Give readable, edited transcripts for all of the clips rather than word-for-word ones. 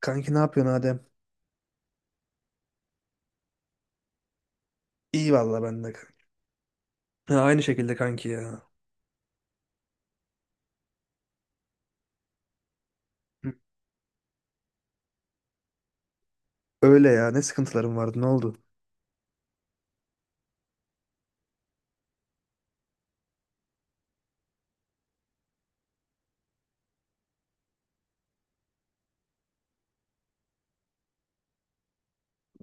Kanki ne yapıyorsun Adem? İyi valla ben de kanki. Ha, aynı şekilde kanki ya. Hı. Öyle ya ne sıkıntılarım vardı ne oldu?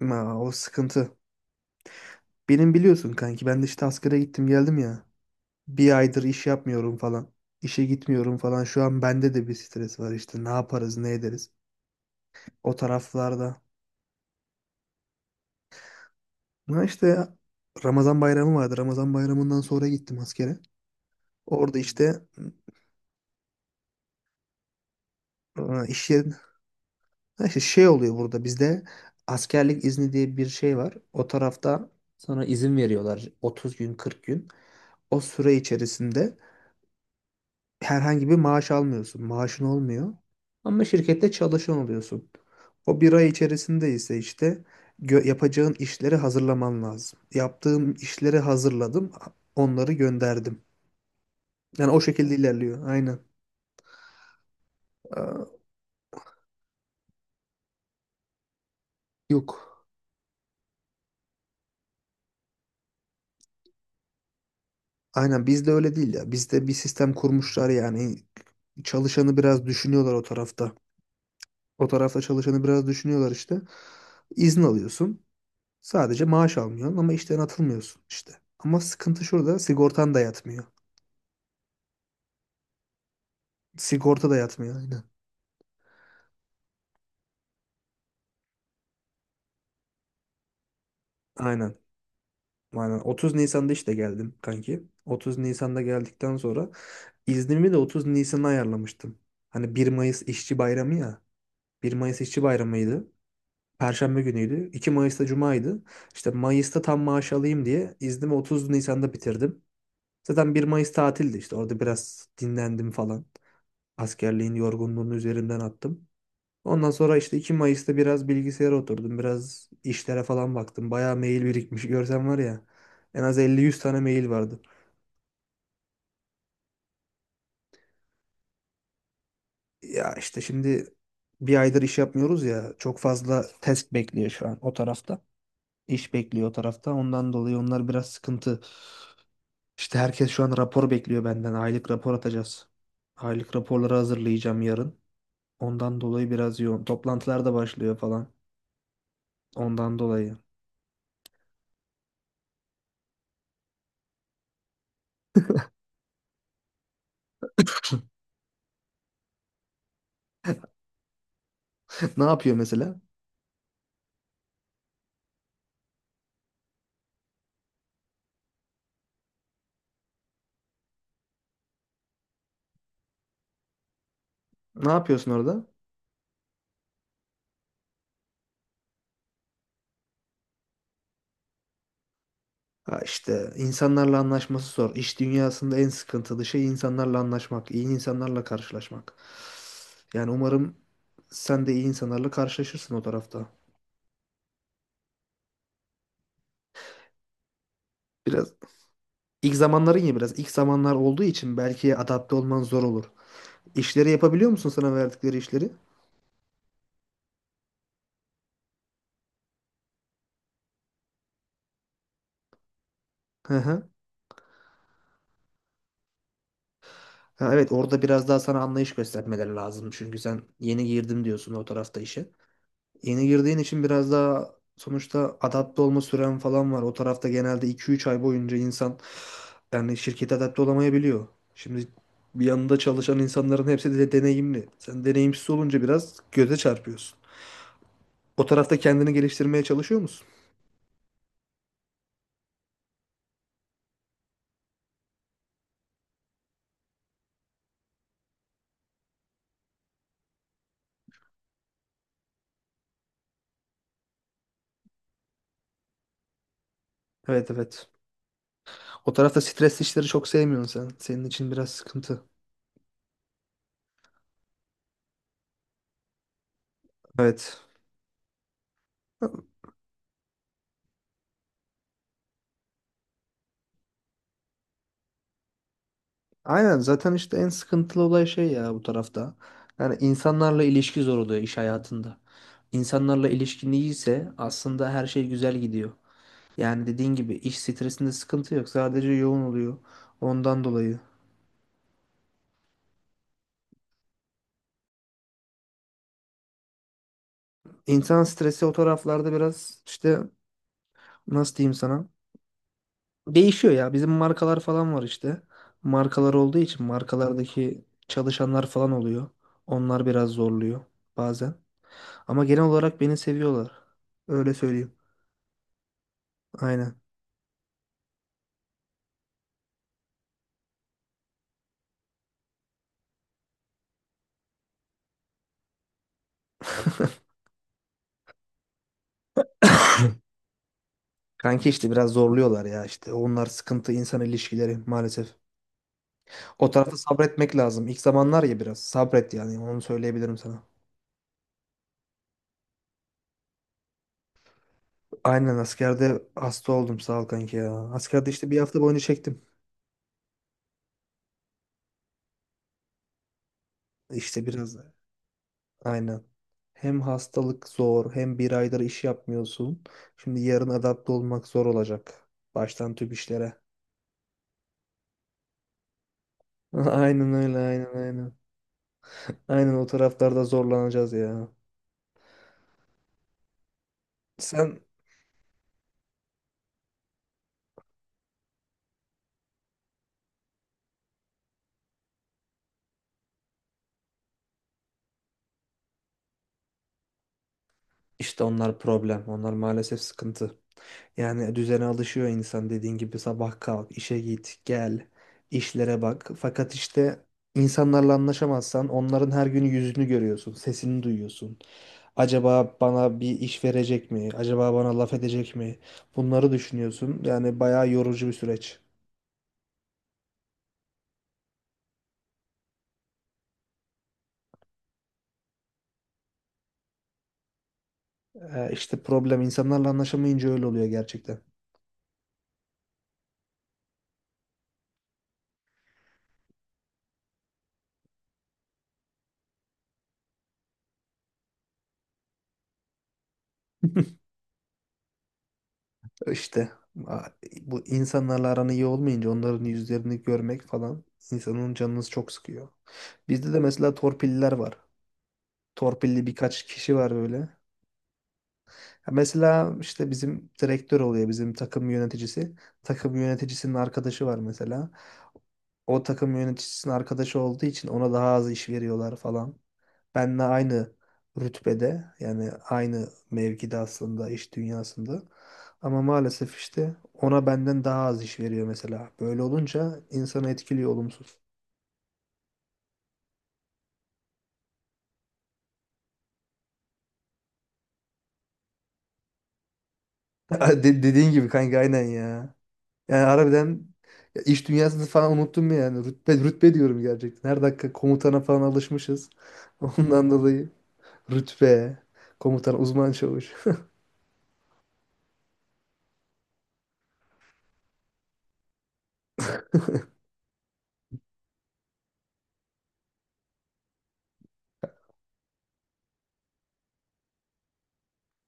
Ma, o sıkıntı. Benim biliyorsun kanki ben de işte askere gittim geldim ya. Bir aydır iş yapmıyorum falan. İşe gitmiyorum falan. Şu an bende de bir stres var işte ne yaparız ne ederiz. O taraflarda. Ha işte Ramazan bayramı vardı. Ramazan bayramından sonra gittim askere. Orada işte iş yerinde. Ha işte şey oluyor burada bizde askerlik izni diye bir şey var. O tarafta sana izin veriyorlar 30 gün 40 gün. O süre içerisinde herhangi bir maaş almıyorsun. Maaşın olmuyor. Ama şirkette çalışan oluyorsun. O bir ay içerisinde ise işte yapacağın işleri hazırlaman lazım. Yaptığım işleri hazırladım. Onları gönderdim. Yani o şekilde ilerliyor. Aynen. Aa, yok. Aynen bizde öyle değil ya. Bizde bir sistem kurmuşlar yani. Çalışanı biraz düşünüyorlar o tarafta. O tarafta çalışanı biraz düşünüyorlar işte. İzin alıyorsun. Sadece maaş almıyorsun ama işten atılmıyorsun işte. Ama sıkıntı şurada sigortan da yatmıyor. Sigorta da yatmıyor aynen. Aynen. Aynen. 30 Nisan'da işte geldim kanki. 30 Nisan'da geldikten sonra iznimi de 30 Nisan'a ayarlamıştım. Hani bir Mayıs İşçi Bayramı ya. Bir Mayıs İşçi Bayramı'ydı. Perşembe günüydü. 2 Mayıs'ta Cuma'ydı. İşte Mayıs'ta tam maaş alayım diye iznimi 30 Nisan'da bitirdim. Zaten bir Mayıs tatildi işte. Orada biraz dinlendim falan. Askerliğin yorgunluğunu üzerimden attım. Ondan sonra işte 2 Mayıs'ta biraz bilgisayara oturdum. Biraz işlere falan baktım. Bayağı mail birikmiş. Görsen var ya en az 50-100 tane mail vardı. Ya işte şimdi bir aydır iş yapmıyoruz ya. Çok fazla test bekliyor şu an o tarafta. İş bekliyor o tarafta. Ondan dolayı onlar biraz sıkıntı. İşte herkes şu an rapor bekliyor benden. Aylık rapor atacağız. Aylık raporları hazırlayacağım yarın. Ondan dolayı biraz yoğun. Toplantılar da başlıyor falan. Ondan dolayı. Ne yapıyor mesela? Ne yapıyorsun orada? Ha işte insanlarla anlaşması zor. İş dünyasında en sıkıntılı şey insanlarla anlaşmak, iyi insanlarla karşılaşmak. Yani umarım sen de iyi insanlarla karşılaşırsın o tarafta. Biraz ilk zamanların ya biraz ilk zamanlar olduğu için belki adapte olman zor olur. İşleri yapabiliyor musun sana verdikleri işleri? Hı hı. Ha, evet orada biraz daha sana anlayış göstermeleri lazım. Çünkü sen yeni girdim diyorsun o tarafta işe. Yeni girdiğin için biraz daha sonuçta adapte olma süren falan var. O tarafta genelde iki üç ay boyunca insan yani şirkete adapte olamayabiliyor. Şimdi bir yanında çalışan insanların hepsi de deneyimli. Sen deneyimsiz olunca biraz göze çarpıyorsun. O tarafta kendini geliştirmeye çalışıyor musun? Evet, evet. O tarafta stres işleri çok sevmiyorsun sen. Senin için biraz sıkıntı. Evet. Aynen zaten işte en sıkıntılı olay şey ya bu tarafta. Yani insanlarla ilişki zor oluyor iş hayatında. İnsanlarla ilişkin iyiyse aslında her şey güzel gidiyor. Yani dediğin gibi iş stresinde sıkıntı yok. Sadece yoğun oluyor. Ondan dolayı. İnsan stresi o taraflarda biraz işte nasıl diyeyim sana? Değişiyor ya. Bizim markalar falan var işte. Markalar olduğu için markalardaki çalışanlar falan oluyor. Onlar biraz zorluyor bazen. Ama genel olarak beni seviyorlar. Öyle söyleyeyim. Aynen. Kanki işte biraz zorluyorlar ya işte. Onlar sıkıntı insan ilişkileri maalesef. O tarafta sabretmek lazım. İlk zamanlar ya biraz sabret yani onu söyleyebilirim sana. Aynen askerde hasta oldum sağ ol kanki ya. Askerde işte bir hafta boyunca çektim. İşte aynen. Hem hastalık zor hem bir aydır iş yapmıyorsun. Şimdi yarın adapte olmak zor olacak. Baştan tüp işlere. Aynen öyle, aynen aynen. Aynen o taraflarda zorlanacağız ya. Sen. İşte onlar problem. Onlar maalesef sıkıntı. Yani düzene alışıyor insan dediğin gibi sabah kalk, işe git, gel, işlere bak. Fakat işte insanlarla anlaşamazsan onların her gün yüzünü görüyorsun, sesini duyuyorsun. Acaba bana bir iş verecek mi? Acaba bana laf edecek mi? Bunları düşünüyorsun. Yani bayağı yorucu bir süreç. İşte problem insanlarla anlaşamayınca öyle oluyor gerçekten. İşte a- bu insanlarla aran iyi olmayınca onların yüzlerini görmek falan insanın canını çok sıkıyor. Bizde de mesela torpilliler var. Torpilli birkaç kişi var böyle. Mesela işte bizim direktör oluyor bizim takım yöneticisi. Takım yöneticisinin arkadaşı var mesela. O takım yöneticisinin arkadaşı olduğu için ona daha az iş veriyorlar falan. Benle aynı rütbede yani aynı mevkide aslında iş dünyasında. Ama maalesef işte ona benden daha az iş veriyor mesela. Böyle olunca insanı etkiliyor olumsuz. Dediğin gibi kanka aynen ya. Yani harbiden ya iş dünyasını falan unuttum yani. Rütbe, rütbe diyorum gerçekten. Her dakika komutana falan alışmışız. Ondan dolayı rütbe, komutan, uzman çavuş.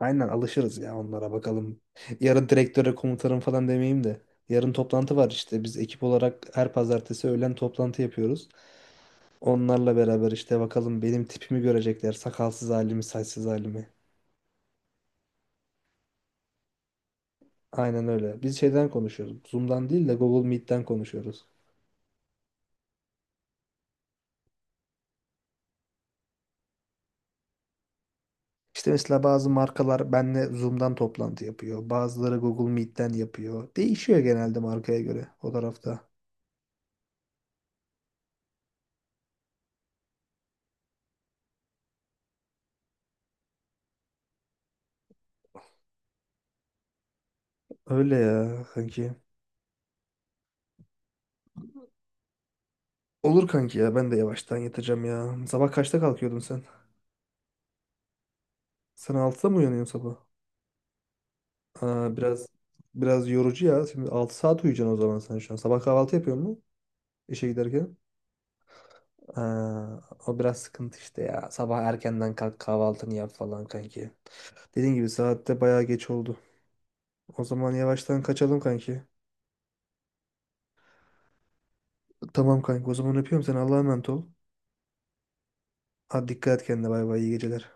Aynen alışırız ya onlara bakalım. Yarın direktöre komutanım falan demeyeyim de. Yarın toplantı var işte. Biz ekip olarak her pazartesi öğlen toplantı yapıyoruz. Onlarla beraber işte bakalım benim tipimi görecekler. Sakalsız halimi, saçsız halimi. Aynen öyle. Biz şeyden konuşuyoruz. Zoom'dan değil de Google Meet'ten konuşuyoruz. İşte mesela bazı markalar benle Zoom'dan toplantı yapıyor. Bazıları Google Meet'ten yapıyor. Değişiyor genelde markaya göre o tarafta. Öyle ya kanki. Olur kanki ya ben de yavaştan yatacağım ya. Sabah kaçta kalkıyordun sen? Sen altıda mı uyanıyorsun sabah? Aa, biraz yorucu ya. Şimdi 6 saat uyuyacaksın o zaman sen şu an. Sabah kahvaltı yapıyor musun işe giderken? Aa, o biraz sıkıntı işte ya. Sabah erkenden kalk kahvaltını yap falan kanki. Dediğin gibi saatte bayağı geç oldu. O zaman yavaştan kaçalım kanki. Tamam kanka o zaman öpüyorum seni Allah'a emanet ol. Hadi dikkat et kendine bay bay iyi geceler.